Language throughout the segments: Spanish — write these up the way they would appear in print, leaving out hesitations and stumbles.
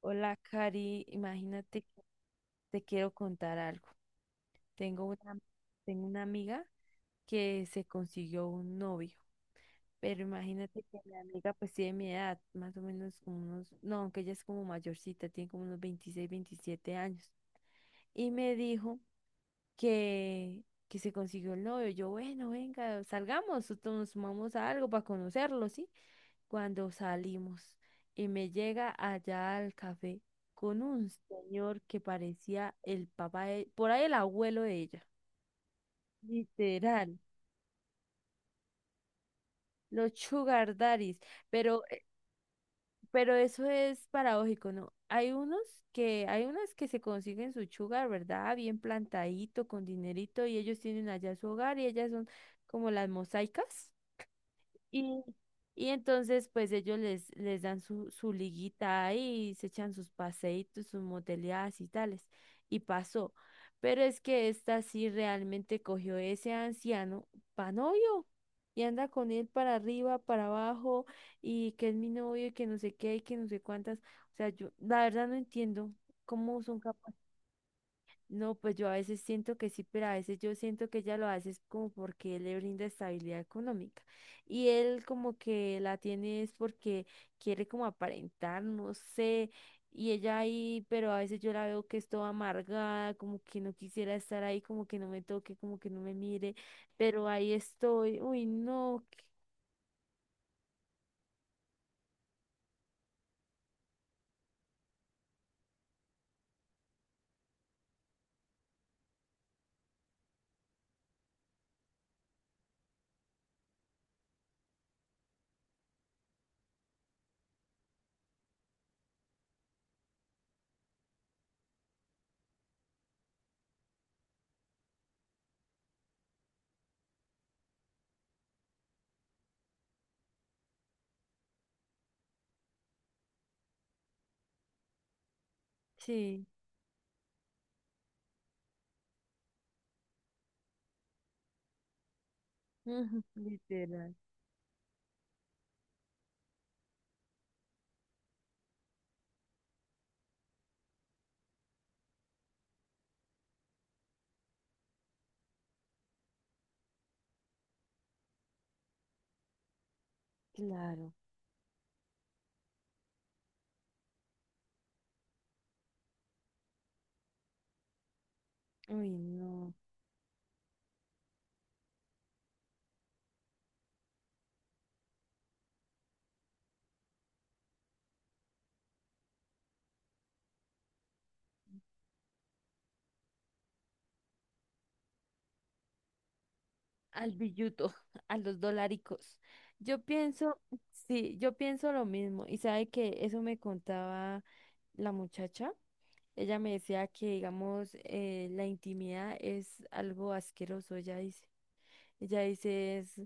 Hola, Cari, imagínate que te quiero contar algo. Tengo una, tengo una amiga que se consiguió un novio, pero imagínate que mi amiga pues tiene mi edad, más o menos como unos, no, aunque ella es como mayorcita, tiene como unos 26, 27 años. Y me dijo que, que se consiguió el novio. Yo, bueno, venga, salgamos, nosotros nos sumamos a algo para conocerlo, ¿sí? Cuando salimos y me llega allá al café con un señor que parecía el papá de, por ahí el abuelo de ella, literal, los sugar daddies, pero, eh, pero eso es paradójico, ¿no? Hay unas que se consiguen su sugar, ¿verdad? Bien plantadito, con dinerito, y ellos tienen allá su hogar y ellas son como las mosaicas. Y, y entonces, pues ellos les dan su liguita ahí, y se echan sus paseitos, sus moteleadas y tales. Y pasó. Pero es que esta sí realmente cogió ese anciano pa' novio. Y anda con él para arriba, para abajo, y que es mi novio, y que no sé qué, y que no sé cuántas. O sea, yo la verdad no entiendo cómo son capaces. No, pues yo a veces siento que sí, pero a veces yo siento que ella lo hace es como porque él le brinda estabilidad económica. Y él como que la tiene es porque quiere como aparentar, no sé. Y ella ahí, pero a veces yo la veo que es toda amargada, como que no quisiera estar ahí, como que no me toque, como que no me mire, pero ahí estoy. Uy, no. Sí, ujú, literal. Claro. Uy, no. Al billuto, a los dolaricos. Yo pienso, sí, yo pienso lo mismo. Y sabe que eso me contaba la muchacha. Ella me decía que, digamos, la intimidad es algo asqueroso, ella dice. Ella dice, es,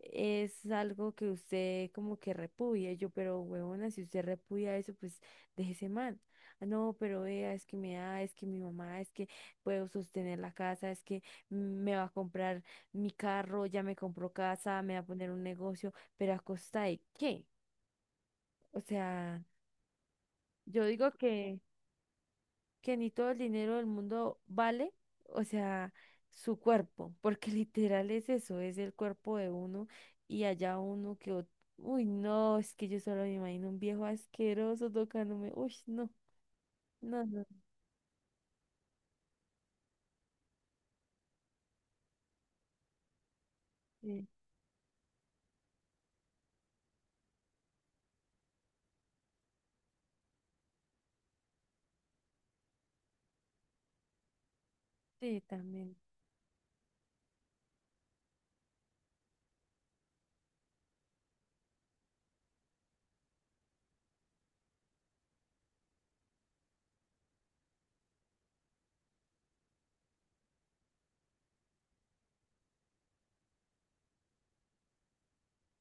es algo que usted como que repudia. Y yo, pero huevona, si usted repudia eso, pues déjese mal. "Ah, no, pero vea, es que me da, es que mi mamá, es que puedo sostener la casa, es que me va a comprar mi carro, ya me compró casa, me va a poner un negocio, pero ¿a costa de qué? O sea, yo digo que ni todo el dinero del mundo vale, o sea, su cuerpo, porque literal es eso, es el cuerpo de uno y allá uno que, uy, no, es que yo solo me imagino un viejo asqueroso tocándome, uy, no, no, no, sí, sí, también,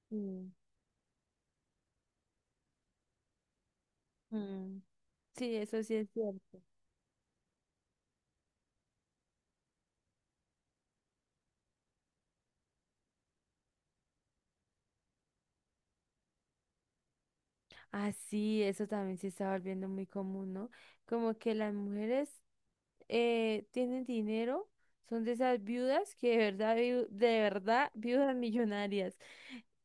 sí, mm, sí, eso sí es cierto. Ah, sí, eso también se está volviendo muy común, ¿no? Como que las mujeres tienen dinero, son de esas viudas que de verdad, de verdad, viudas millonarias.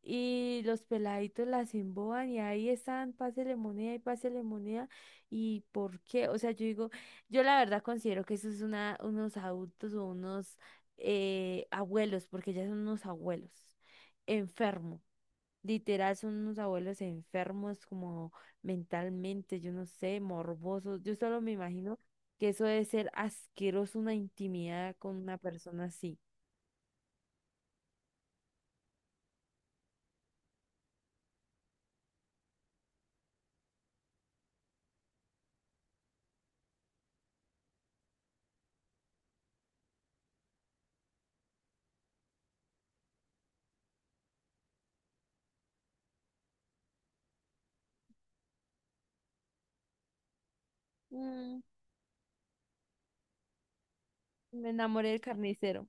Y los peladitos las emboban y ahí están, pásele moneda. ¿Y por qué? O sea, yo digo, yo la verdad considero que eso es unos adultos o unos abuelos, porque ya son unos abuelos enfermos. Literal, son unos abuelos enfermos como mentalmente, yo no sé, morbosos. Yo solo me imagino que eso debe ser asqueroso, una intimidad con una persona así. Mm, me enamoré del carnicero.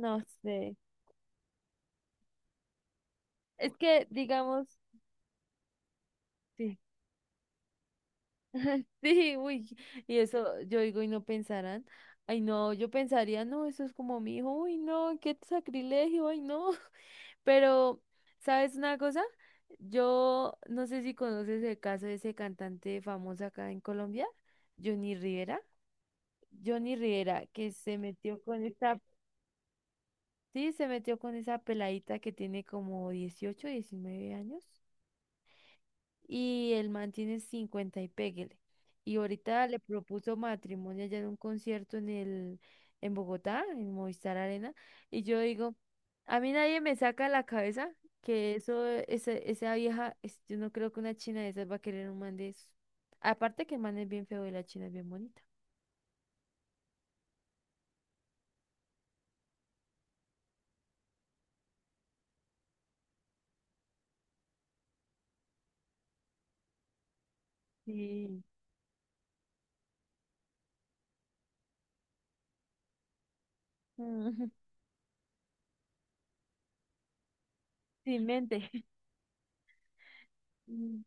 No sé. Es que, digamos, sí. Sí, uy, y eso yo digo, y no pensarán, ay, no, yo pensaría, no, eso es como mi hijo, uy, no, qué sacrilegio, ay, no, pero, ¿sabes una cosa? Yo no sé si conoces el caso de ese cantante famoso acá en Colombia, Johnny Rivera, Johnny Rivera, que se metió con esta, sí, se metió con esa peladita que tiene como 18 19 años. Y el man tiene 50 y péguele. Y ahorita le propuso matrimonio allá en un concierto en el, en Bogotá, en Movistar Arena, y yo digo, a mí nadie me saca de la cabeza que esa vieja, yo no creo que una china de esas va a querer un man de eso. Aparte que el man es bien feo y la china es bien bonita. Sí. Mm, sin mente. Mm,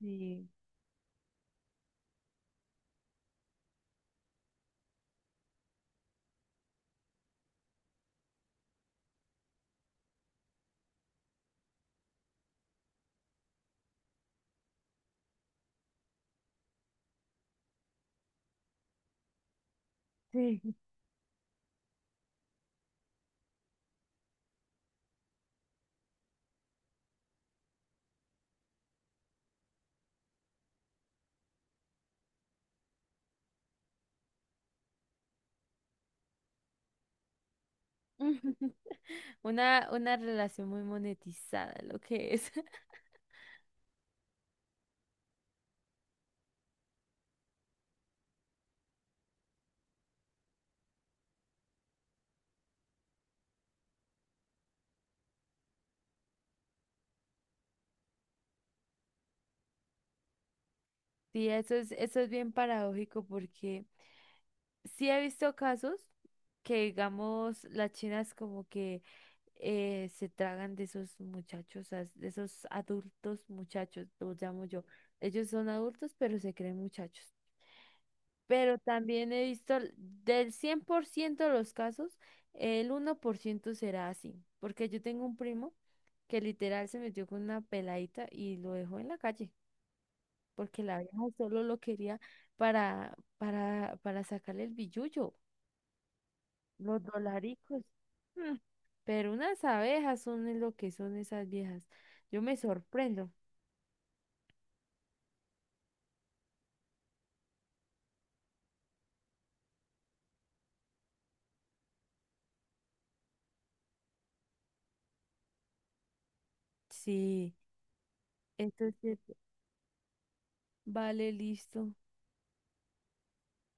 sí. Sí. Una relación muy monetizada, lo que es. Sí, eso es bien paradójico porque sí he visto casos que, digamos, las chinas como que se tragan de esos muchachos, de esos adultos muchachos, los llamo yo. Ellos son adultos, pero se creen muchachos. Pero también he visto del 100% de los casos, el 1% será así, porque yo tengo un primo que literal se metió con una peladita y lo dejó en la calle porque la vieja solo lo quería para sacarle el billullo, los dolaricos. Mm, pero unas abejas son es lo que son esas viejas. Yo me sorprendo. Sí, entonces, vale, listo.